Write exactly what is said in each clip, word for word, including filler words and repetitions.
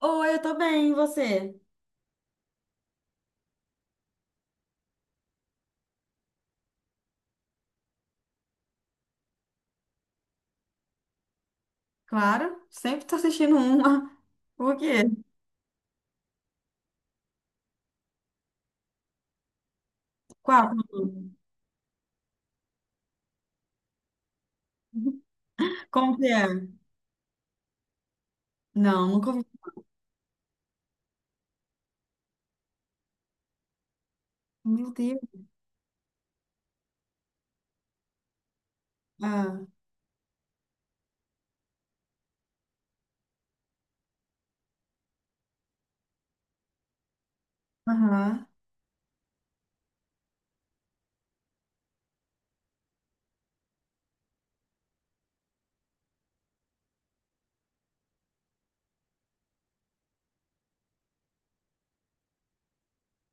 Oi, eu tô bem, e você? Claro, sempre tô assistindo uma. Por quê? Qual? Como que é? Não, nunca ouvi. Meu Deus. Ah, aham.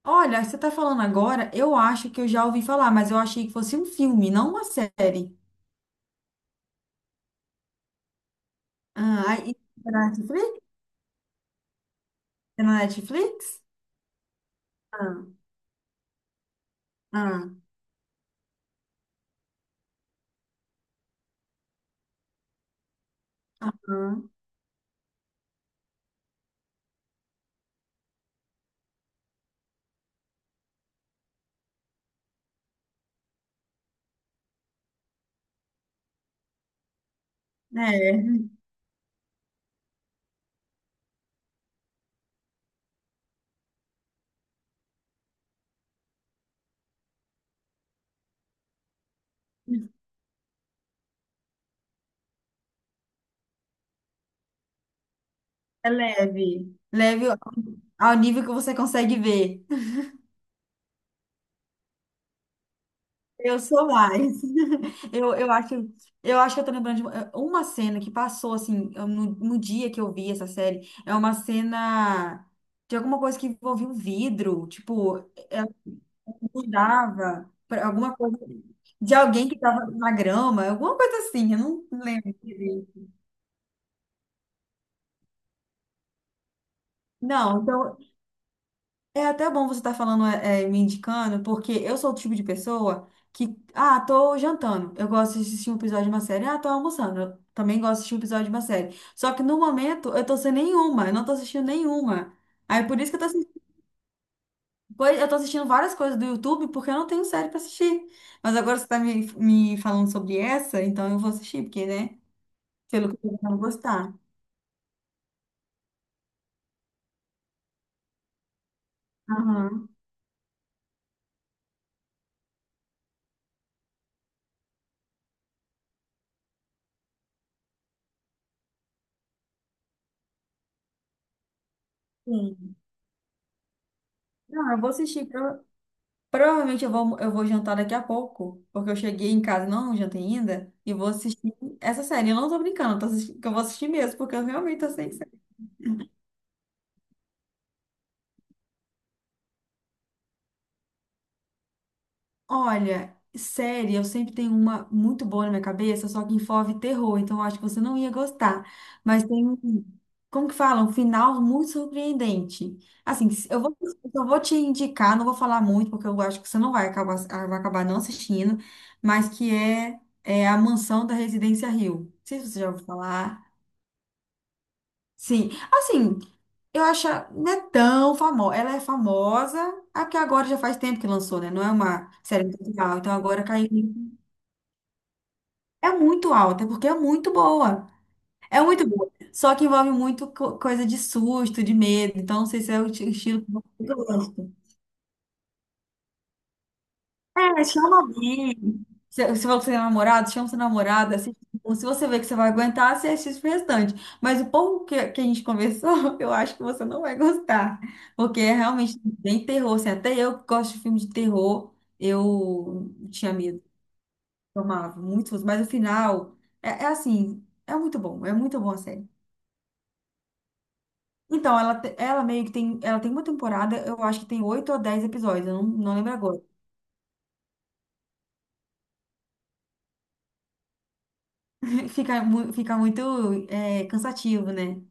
Olha, você tá falando agora, eu acho que eu já ouvi falar, mas eu achei que fosse um filme, não uma série. Ah, aí- é na Netflix? É na Netflix? Ah, ah, ah. É, é leve. Leve ao nível que você consegue ver. Eu sou mais. Eu, eu acho, eu acho que eu tô lembrando de uma uma cena que passou, assim, eu- no, no dia que eu vi essa série. É uma cena de alguma coisa que envolvia um vidro. Tipo, ela mudava pra alguma coisa de alguém que tava na grama, alguma coisa assim, eu não lembro. direito. Não, então é até bom você estar falando, é, é, me indicando, porque eu sou o tipo de pessoa que, ah, tô jantando, eu gosto de assistir um episódio de uma série, ah, tô almoçando, eu também gosto de assistir um episódio de uma série. Só que no momento eu tô sem nenhuma, eu não tô assistindo nenhuma. Aí por isso que eu tô assistindo, eu tô assistindo várias coisas do YouTube porque eu não tenho série pra assistir. Mas agora você tá me, me falando sobre essa, então eu vou assistir, porque, né, pelo que eu tô vou gostar. Aham, sim. Não, eu vou assistir, Provavelmente eu vou, eu vou jantar daqui a pouco, porque eu cheguei em casa e não jantei ainda, e vou assistir essa série. Eu não tô brincando, eu, tô assisti- que eu vou assistir mesmo, porque eu realmente tô sem. Olha, série, eu sempre tenho uma muito boa na minha cabeça, só que envolve terror, então eu acho que você não ia gostar. Mas tem um, como que fala? Um final muito surpreendente. Assim, se- eu vou, eu só vou te indicar, não vou falar muito, porque eu acho que você não vai acabar, ah, vai acabar não assistindo, mas que é, é A Mansão da Residência Hill. Não sei se você já ouviu falar. Sim, assim, eu acho, ah, não é tão famosa. Ela é famosa, é porque agora já faz tempo que lançou, né? Não é uma série muito legal. Então agora caiu. É muito alta, porque é muito boa. É muito boa. Só que envolve muito co- coisa de susto, de medo. Então, não sei se é o ti- estilo que você gosta. É, chama alguém. Se se você é namorado, chama seu namorado, assiste. Se você vê que você vai aguentar, você assiste o restante. Mas o pouco que, que a gente conversou, eu acho que você não vai gostar. Porque é realmente bem terror. Assim, até eu que gosto de filme de terror, eu tinha medo, tomava muito. susto. Mas o final, é é assim, é muito bom. É muito bom a série. Então, ela, te- ela meio que tem, ela tem uma temporada, eu acho que tem oito ou dez episódios, eu não, não lembro agora. Fica, mu- fica muito é, cansativo, né?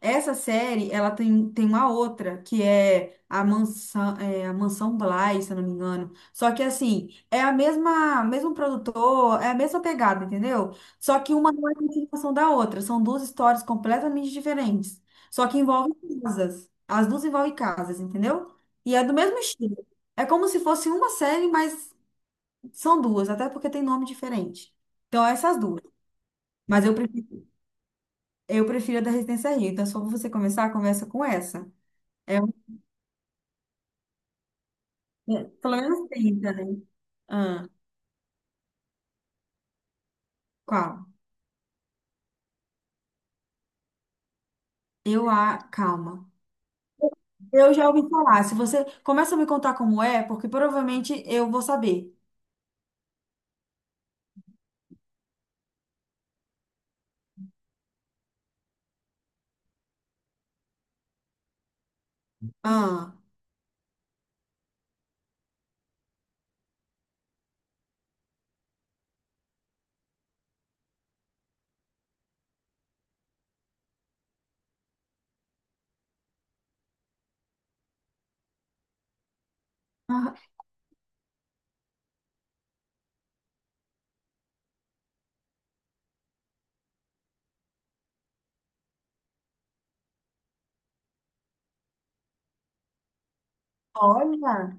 Essa série, ela tem, tem uma outra, que é a Mansão, é, a Mansão Bly, se eu não me engano. Só que, assim, é a mesma, mesmo produtor, é a mesma pegada, entendeu? Só que uma não é a continuação da outra. São duas histórias completamente diferentes. Só que envolvem casas. As duas envolvem casas, entendeu? E é do mesmo estilo. É como se fosse uma série, mas são duas, até porque tem nome diferente. Então, essas duas. Mas eu prefiro eu prefiro a da Resistência Rio. Então, se for você começar, começa com essa. É, um- é, pelo menos tenta, né? Ah, qual? Eu a. Calma. Eu já ouvi falar. Se você começa a me contar como é, porque provavelmente eu vou saber. Ah, ah, olha.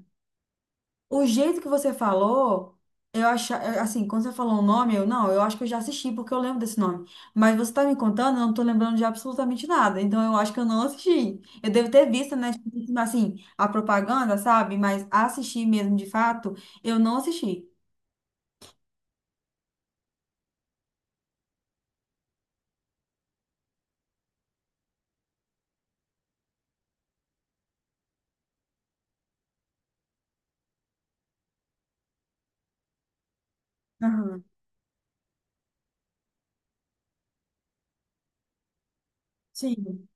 O jeito que você falou, eu acho, assim, quando você falou o nome, eu não, eu acho que eu já assisti porque eu lembro desse nome. Mas você tá me contando, eu não tô lembrando de absolutamente nada. Então eu acho que eu não assisti. Eu devo ter visto, né, tipo assim, a propaganda, sabe? Mas assistir mesmo de fato, eu não assisti. Aham. Sim.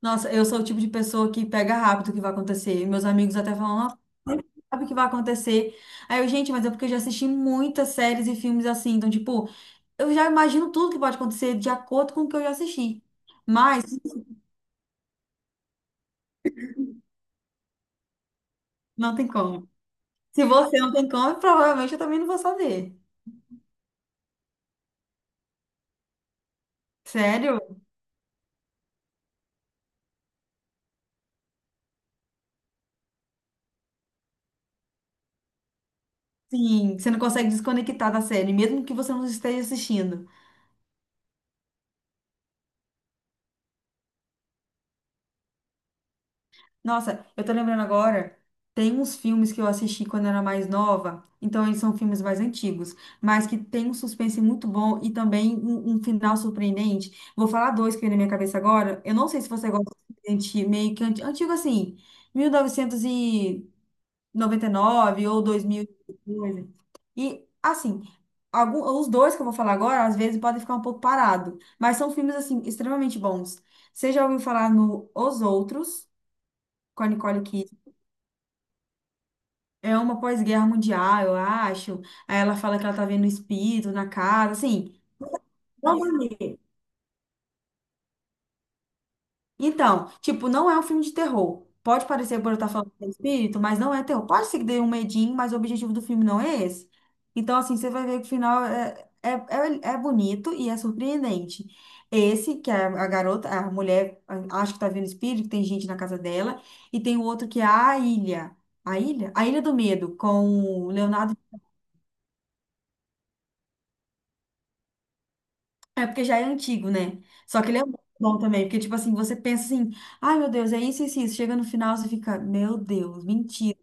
Nossa, eu sou o tipo de pessoa que pega rápido o que vai acontecer. E meus amigos até falam, nossa, você sabe o que vai acontecer. Aí eu, gente, mas é porque eu já assisti muitas séries e filmes assim, então, tipo, eu já imagino tudo que pode acontecer de acordo com o que eu já assisti. Mas não tem como. Se você não tem como, provavelmente eu também não vou saber. Sério? Sim, você não consegue desconectar da série, mesmo que você não esteja assistindo. Nossa, eu tô lembrando agora, tem uns filmes que eu assisti quando eu era mais nova, então eles são filmes mais antigos, mas que tem um suspense muito bom e também um, um final surpreendente. Vou falar dois que vem na minha cabeça agora. Eu não sei se você gosta de anti- meio que anti- antigo assim, mil e novecentos e noventa e nove ou dois mil e coisa. E, assim, algum, os dois que eu vou falar agora, às vezes podem ficar um pouco parado, mas são filmes, assim, extremamente bons. Você já ouviu falar no Os Outros, com a Nicole Kidman? É uma pós-guerra mundial, eu acho. Aí ela fala que ela tá vendo espírito na casa, assim. Não vou ler. Então, tipo, não é um filme de terror. Pode parecer por eu estar falando de espírito, mas não é terror. Pode ser que dê um medinho, mas o objetivo do filme não é esse. Então, assim, você vai ver que o final é, é, é, é bonito e é surpreendente. Esse, que é a garota, a mulher, a- acha que tá vendo espírito, tem gente na casa dela, e tem o outro que é a ilha. A ilha? A Ilha do Medo, com o Leonardo. É porque já é antigo, né? Só que ele é muito bom também, porque, tipo assim, você pensa assim. Ai, meu Deus, é isso, isso, isso. Chega no final, você fica, meu Deus, mentira.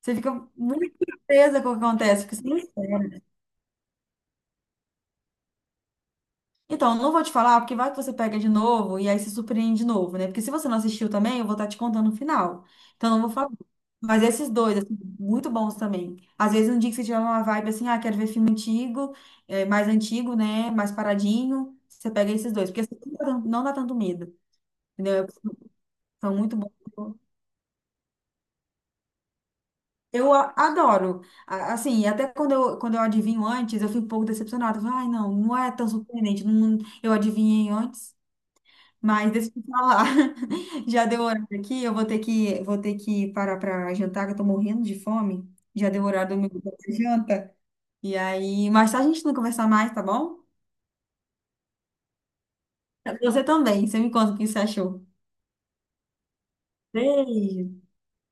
Você fica muito surpresa com o que acontece. Porque você não espera. Então, eu não vou te falar, porque vai que você pega de novo e aí se surpreende de novo, né? Porque se você não assistiu também, eu vou estar te contando o final. Então, eu não vou falar. Mas esses dois, assim, muito bons também. Às vezes, um dia que você tiver uma vibe assim, ah, quero ver filme antigo, eh, mais antigo, né? Mais paradinho, você pega esses dois. Porque assim, não dá tanto não dá tanto medo, entendeu? São muito bons. Eu a- adoro. A- Assim, até quando eu, quando eu adivinho antes, eu fico um pouco decepcionada. Eu falo, ai, não, não é tão surpreendente. Não, eu adivinhei antes. Mas deixa eu te falar. Já deu horário aqui, eu vou ter que, vou ter que parar para jantar, que eu tô morrendo de fome. Já deu horário do meu da minha janta. E aí, mais tarde a gente não conversar mais, tá bom? Você também. Você me conta o que você achou. Beijo.